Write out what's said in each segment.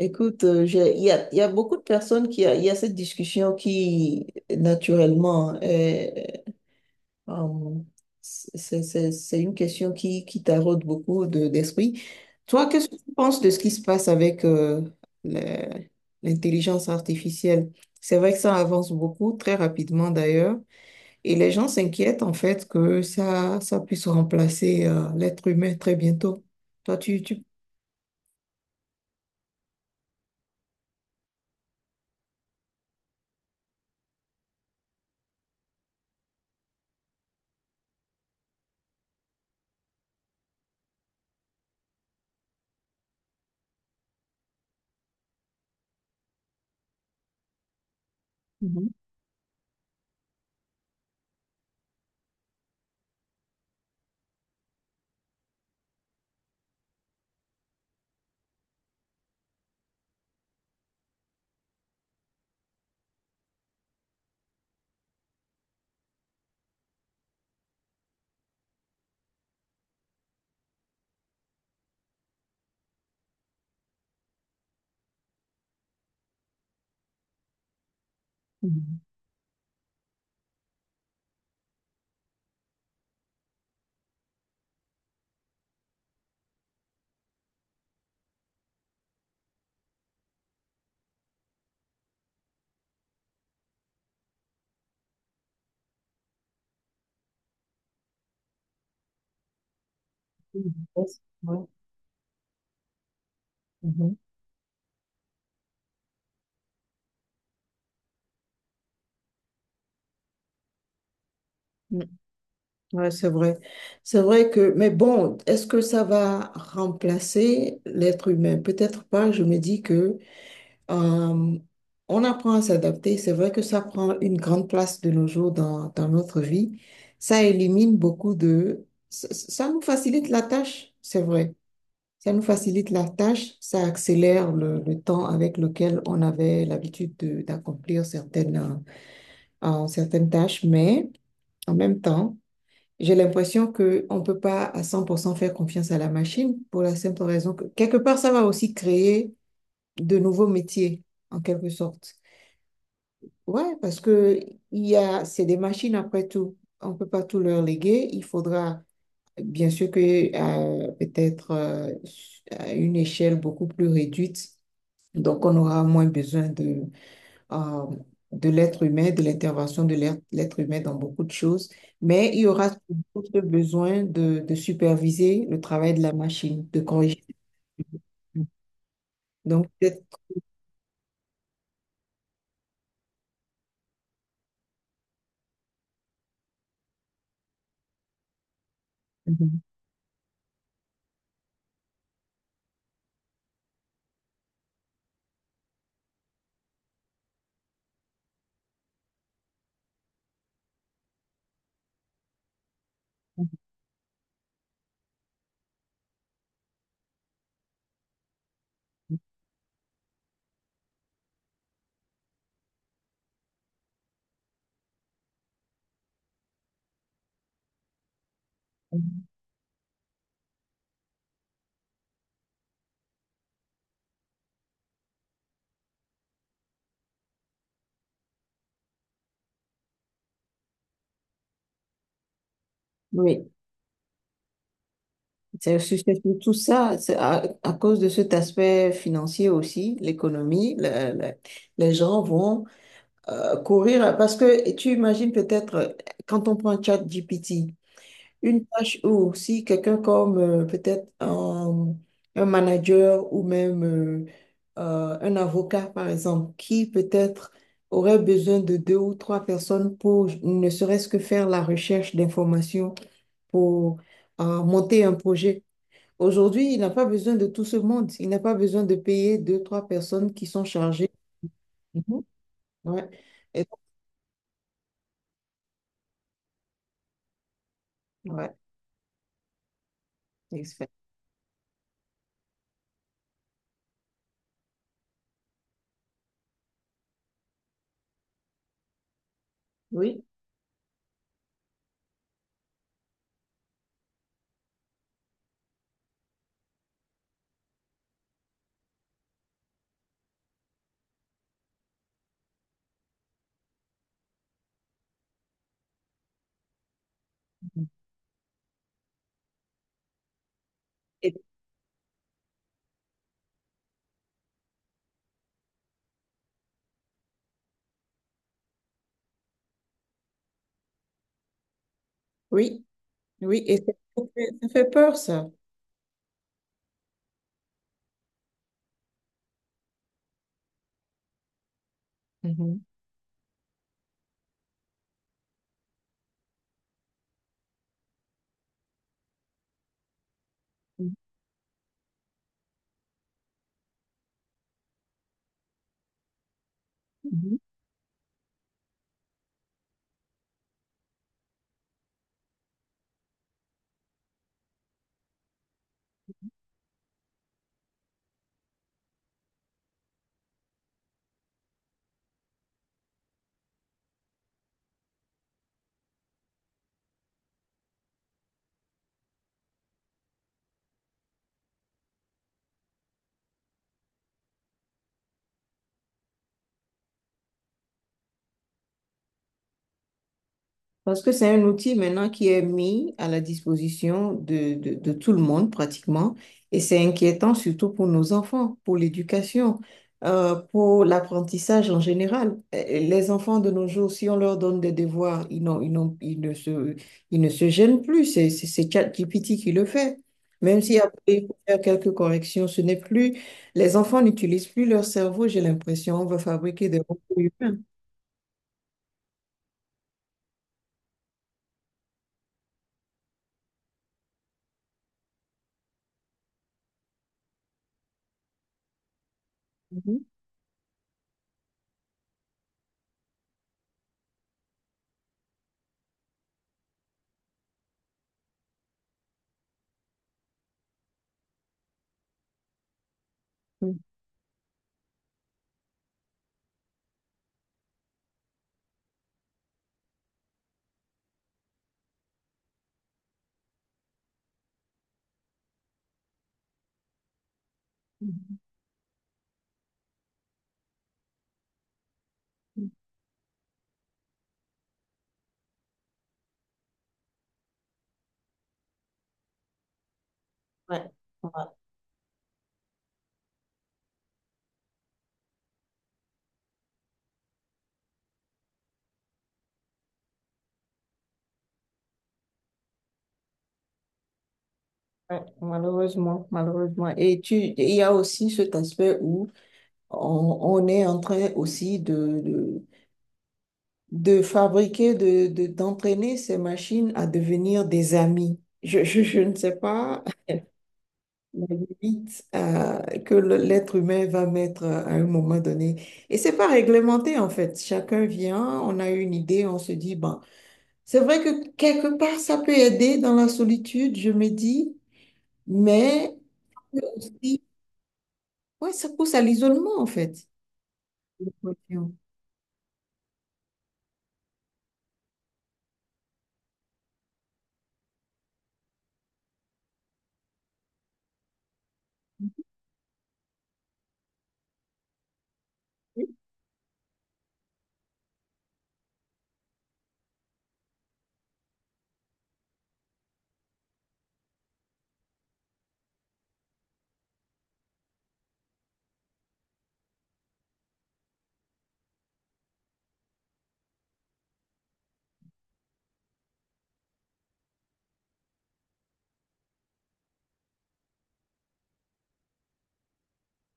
Écoute, il y a beaucoup de personnes il y a cette discussion qui, naturellement, euh, c'est une question qui taraude beaucoup d'esprit. Toi, qu'est-ce que tu penses de ce qui se passe avec le- l'intelligence artificielle? C'est vrai que ça avance beaucoup, très rapidement d'ailleurs. Et les gens s'inquiètent en fait que ça puisse remplacer l'être humain très bientôt. Toi, tu. Mhm, mhm, mhm, yes, ouais, mhm. Ouais, c'est vrai. C'est vrai que, mais bon, est-ce que ça va remplacer l'être humain? Peut-être pas. Je me dis que euh, on apprend à s'adapter. C'est vrai que ça prend une grande place de nos jours dans notre vie. Ça élimine beaucoup de. Ça nous facilite la tâche, c'est vrai. Ça nous facilite la tâche. Ça accélère le temps avec lequel on avait l'habitude d'accomplir certaines tâches. Mais en même temps. J'ai l'impression qu'on ne peut pas à 100% faire confiance à la machine pour la simple raison que quelque part, ça va aussi créer de nouveaux métiers, en quelque sorte. Ouais, parce que c'est des machines après tout. On ne peut pas tout leur léguer. Il faudra, bien sûr que peut-être à une échelle beaucoup plus réduite, donc on aura moins besoin euh, de l'être humain, de l'intervention de l'être humain dans beaucoup de choses, mais il y aura toujours ce besoin de superviser le travail de la machine, de corriger. Donc, Mhm. Oui, c'est surtout ça, c'est à cause de cet aspect financier aussi, l'économie, les gens vont courir parce que tu imagines peut-être quand on prend ChatGPT. Une tâche ou si quelqu'un comme peut-être un manager ou même un avocat, par exemple, qui peut-être aurait besoin de deux ou trois personnes pour ne serait-ce que faire la recherche d'informations pour monter un projet. Aujourd'hui, il n'a pas besoin de tout ce monde. Il n'a pas besoin de payer deux, trois personnes qui sont chargées. Mhm. Ouais. Et, donc, ouais. Et fait. Oui. Et- oui, oui, et ça fait peur, ça. Mhm. Parce que c'est un outil maintenant qui est mis à la disposition de tout le monde pratiquement, et c'est inquiétant surtout pour nos enfants, pour l'éducation, pour l'apprentissage en général. Les enfants de nos jours, si on leur donne des devoirs, ils ne se gênent plus, c'est ChatGPT qui le fait. Même si après il faut faire quelques corrections, ce n'est plus, les enfants n'utilisent plus leur cerveau, j'ai l'impression, on va fabriquer des robots humains. Mhm. Ouais. Ouais, malheureusement, malheureusement. Et il y a aussi cet aspect où on, on est en train aussi de, de fabriquer, d'entraîner ces machines à devenir des amis. Je ne sais pas la limite que l'être humain va mettre à un moment donné. Et c'est pas réglementé en fait. Chacun vient, on a une idée, on se dit, bon, c'est vrai que quelque part ça peut aider dans la solitude, je me dis, mais. Oui, ça pousse à l'isolement, en fait. Les pressions.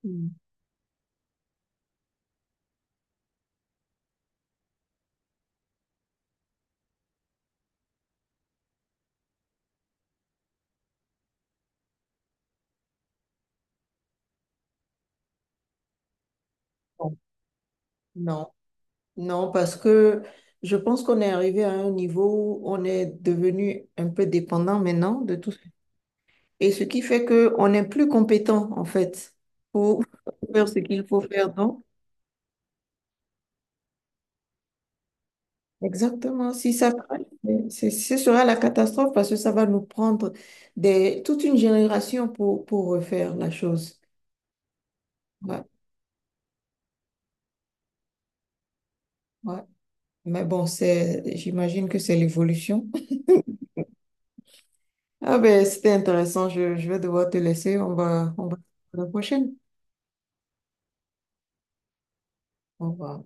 Mm. Bon, non, non, parce que je pense qu'on est arrivé à un niveau où on est devenu un peu dépendant maintenant de tout. Et ce qui fait qu'on n'est plus compétent, en fait, pour faire ce qu'il faut faire. Donc, exactement, si ça craque, ce sera la catastrophe parce que ça va nous prendre toute une génération pour refaire la chose. Ouais, ouais. Mais bon, j'imagine que c'est l'évolution. Ah ben, c'était intéressant. Je vais devoir te laisser. On va à la prochaine. Au revoir.